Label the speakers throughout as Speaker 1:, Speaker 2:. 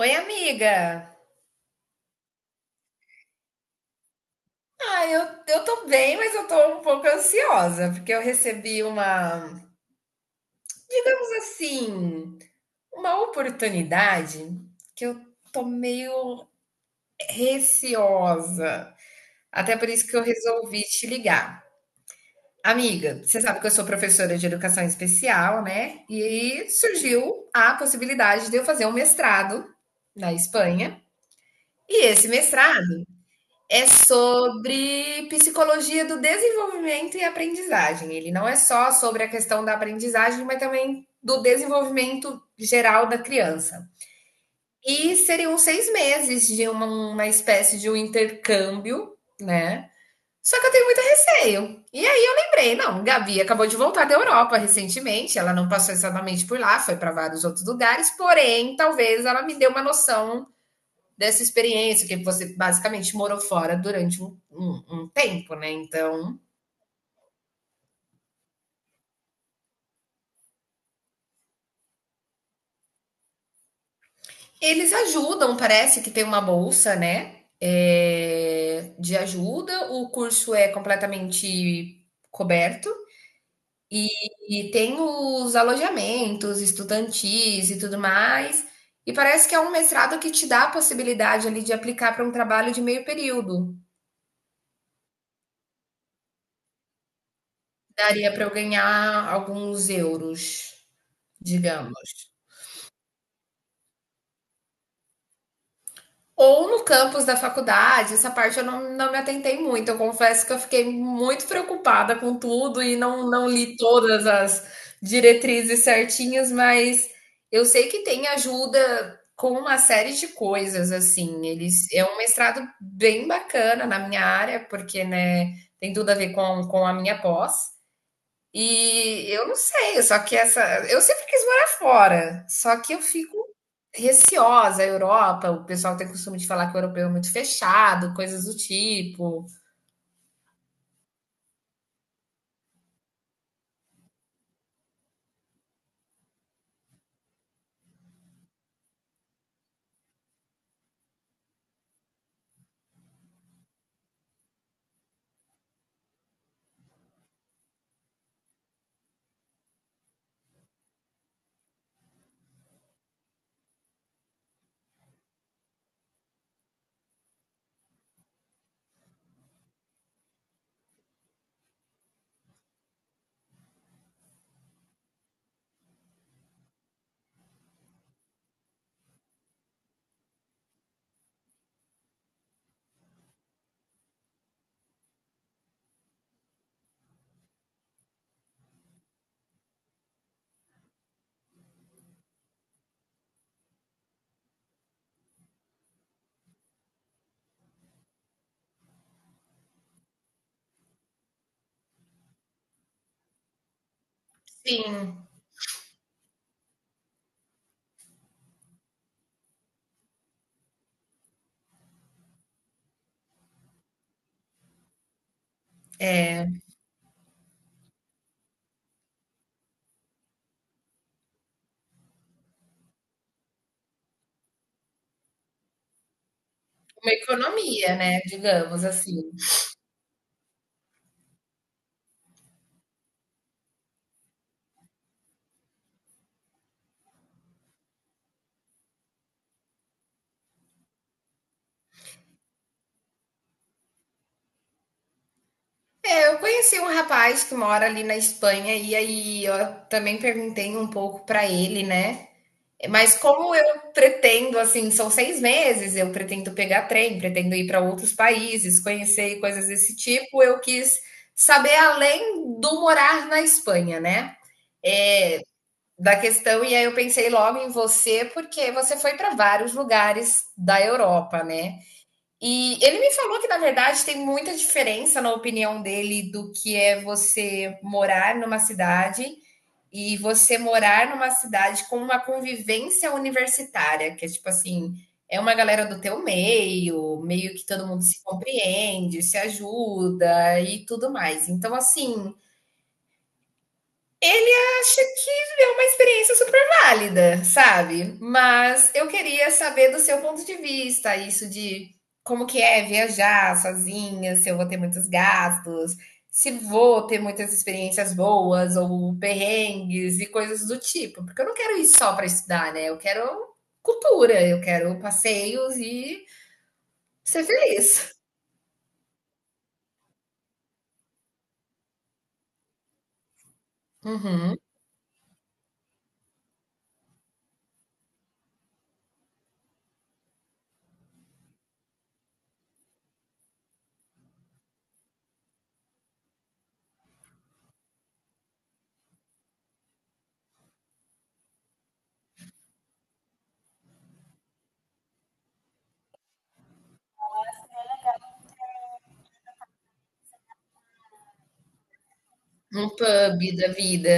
Speaker 1: Oi, amiga. Ah, eu tô bem, mas eu tô um pouco ansiosa, porque eu recebi mas assim, uma oportunidade que eu tô meio receosa. Até por isso que eu resolvi te ligar. Amiga, você sabe que eu sou professora de educação especial, né? E aí surgiu a possibilidade de eu fazer um mestrado na Espanha. E esse mestrado é sobre psicologia do desenvolvimento e aprendizagem. Ele não é só sobre a questão da aprendizagem, mas também do desenvolvimento geral da criança. E seriam 6 meses de uma espécie de um intercâmbio, né? Só que eu tenho muito receio. E aí eu lembrei, não, Gabi acabou de voltar da Europa recentemente, ela não passou exatamente por lá, foi para vários outros lugares, porém, talvez ela me dê uma noção dessa experiência, que você basicamente morou fora durante um tempo, né? Então, eles ajudam, parece que tem uma bolsa, né? É, de ajuda, o curso é completamente coberto e, e tem os alojamentos estudantis e tudo mais. E parece que é um mestrado que te dá a possibilidade ali de aplicar para um trabalho de meio período. Daria para eu ganhar alguns euros, digamos. Ou no campus da faculdade, essa parte eu não me atentei muito. Eu confesso que eu fiquei muito preocupada com tudo e não li todas as diretrizes certinhas, mas eu sei que tem ajuda com uma série de coisas, assim. Eles é um mestrado bem bacana na minha área, porque né, tem tudo a ver com a minha pós. E eu não sei, só que essa eu sempre quis morar fora, só que eu fico receosa. A Europa, o pessoal tem costume de falar que o europeu é muito fechado, coisas do tipo. Sim, uma economia, né, digamos assim. É, eu conheci um rapaz que mora ali na Espanha e aí eu também perguntei um pouco para ele, né? Mas como eu pretendo, assim, são 6 meses, eu pretendo pegar trem, pretendo ir para outros países, conhecer coisas desse tipo, eu quis saber além do morar na Espanha, né? É, da questão, e aí eu pensei logo em você, porque você foi para vários lugares da Europa, né? E ele me falou que, na verdade, tem muita diferença na opinião dele do que é você morar numa cidade e você morar numa cidade com uma convivência universitária, que é tipo assim, é uma galera do teu meio, meio que todo mundo se compreende, se ajuda e tudo mais. Então, assim, acho que é uma experiência super válida, sabe? Mas eu queria saber do seu ponto de vista, isso de como que é viajar sozinha, se eu vou ter muitos gastos, se vou ter muitas experiências boas ou perrengues e coisas do tipo, porque eu não quero ir só para estudar, né? Eu quero cultura, eu quero passeios e ser feliz. Uhum. Um pub da vida,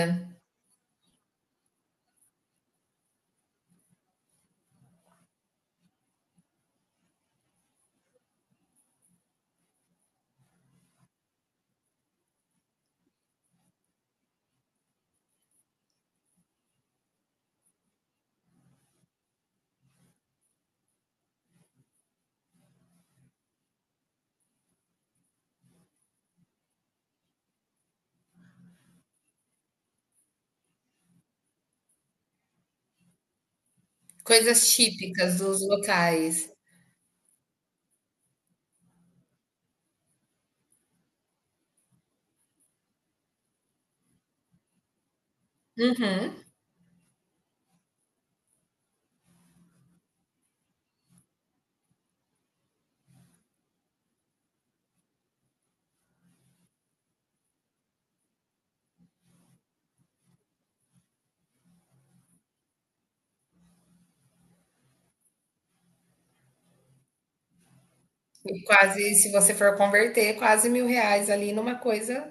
Speaker 1: coisas típicas dos locais. Uhum. E quase, se você for converter, quase 1.000 reais ali numa coisa.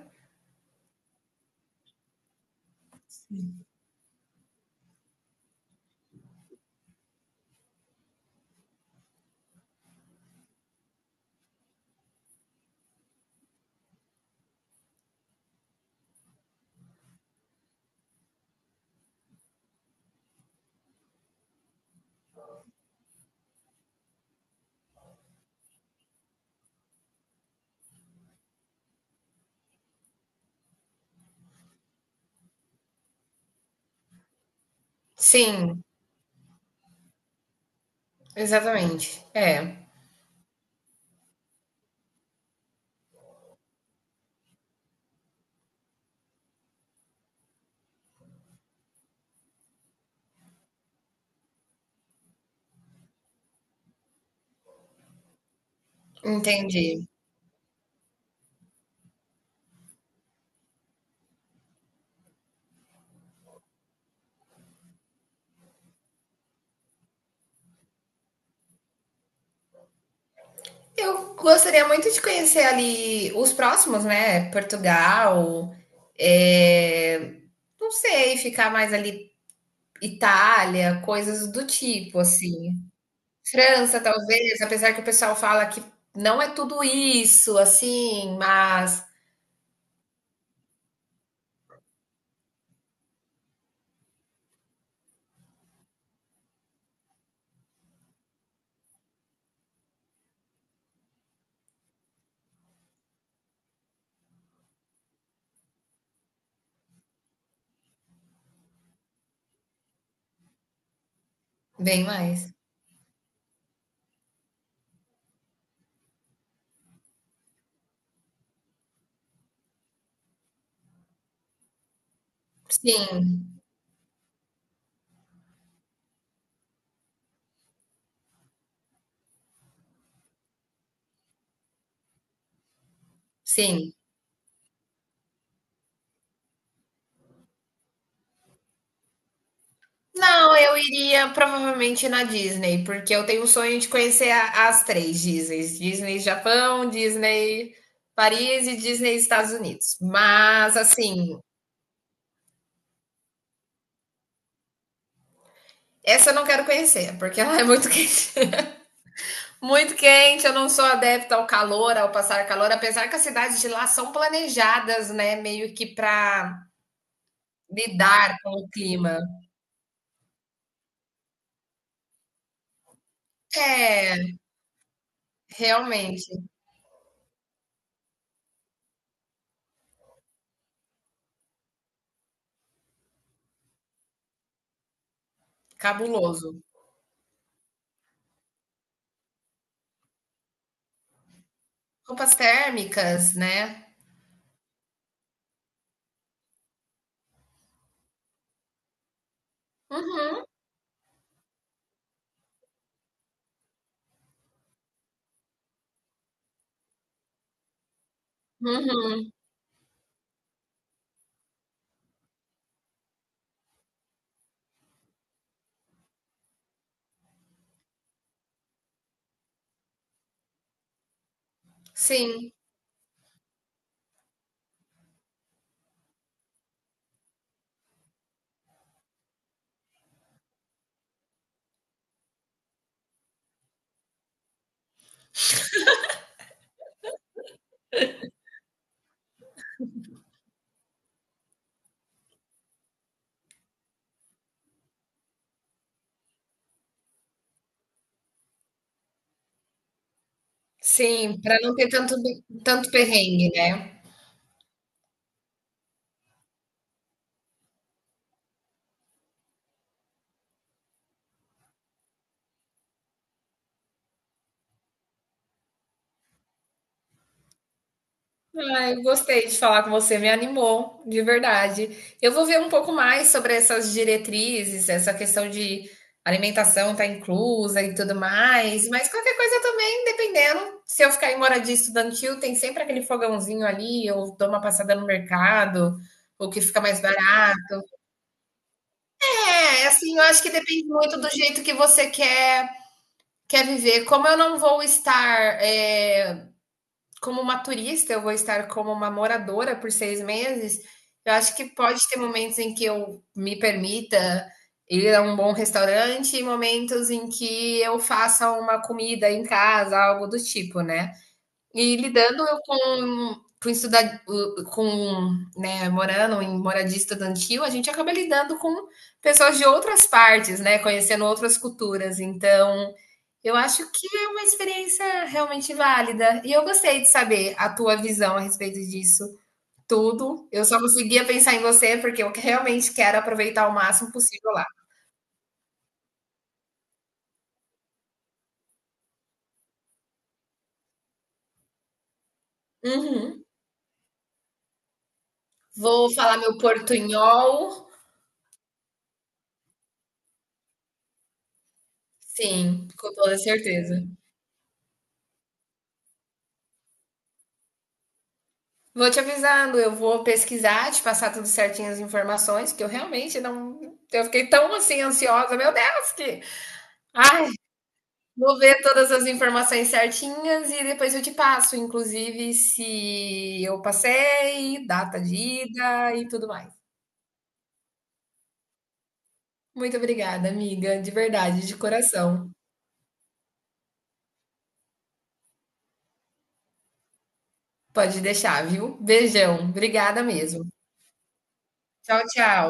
Speaker 1: Sim, exatamente. É, entendi. Eu gostaria muito de conhecer ali os próximos, né? Portugal, é, não sei, ficar mais ali Itália, coisas do tipo, assim. França, talvez, apesar que o pessoal fala que não é tudo isso, assim, mas bem mais. Sim, sim. Não, eu iria provavelmente na Disney, porque eu tenho o sonho de conhecer as três Disneys: Disney Japão, Disney Paris e Disney Estados Unidos. Mas, assim, essa eu não quero conhecer, porque ela é muito quente. Muito quente, eu não sou adepta ao calor, ao passar calor, apesar que as cidades de lá são planejadas, né, meio que para lidar com o clima. É, realmente, cabuloso. Roupas térmicas, né? Uhum, uhum. Sim, sim, para não ter tanto perrengue, né. Ai, gostei de falar com você, me animou, de verdade. Eu vou ver um pouco mais sobre essas diretrizes, essa questão de alimentação tá inclusa e tudo mais, mas qualquer coisa também, dependendo, se eu ficar em moradia estudantil, tem sempre aquele fogãozinho ali, eu dou uma passada no mercado, o que fica mais barato. É, assim, eu acho que depende muito do jeito que você quer viver. Como eu não vou estar, como uma turista, eu vou estar como uma moradora por 6 meses. Eu acho que pode ter momentos em que eu me permita ir a um bom restaurante e momentos em que eu faça uma comida em casa, algo do tipo, né? E lidando eu com, né, morando em moradia estudantil, a gente acaba lidando com pessoas de outras partes, né, conhecendo outras culturas. Então, eu acho que é uma experiência realmente válida. E eu gostei de saber a tua visão a respeito disso tudo. Eu só conseguia pensar em você porque eu realmente quero aproveitar o máximo possível lá. Uhum. Vou falar meu portunhol. Sim, com toda certeza. Vou te avisando, eu vou pesquisar, te passar tudo certinho as informações, que eu realmente não. Eu fiquei tão assim ansiosa, meu Deus, que. Ai, vou ver todas as informações certinhas e depois eu te passo, inclusive se eu passei, data de ida e tudo mais. Muito obrigada, amiga, de verdade, de coração. Pode deixar, viu? Beijão, obrigada mesmo. Tchau, tchau.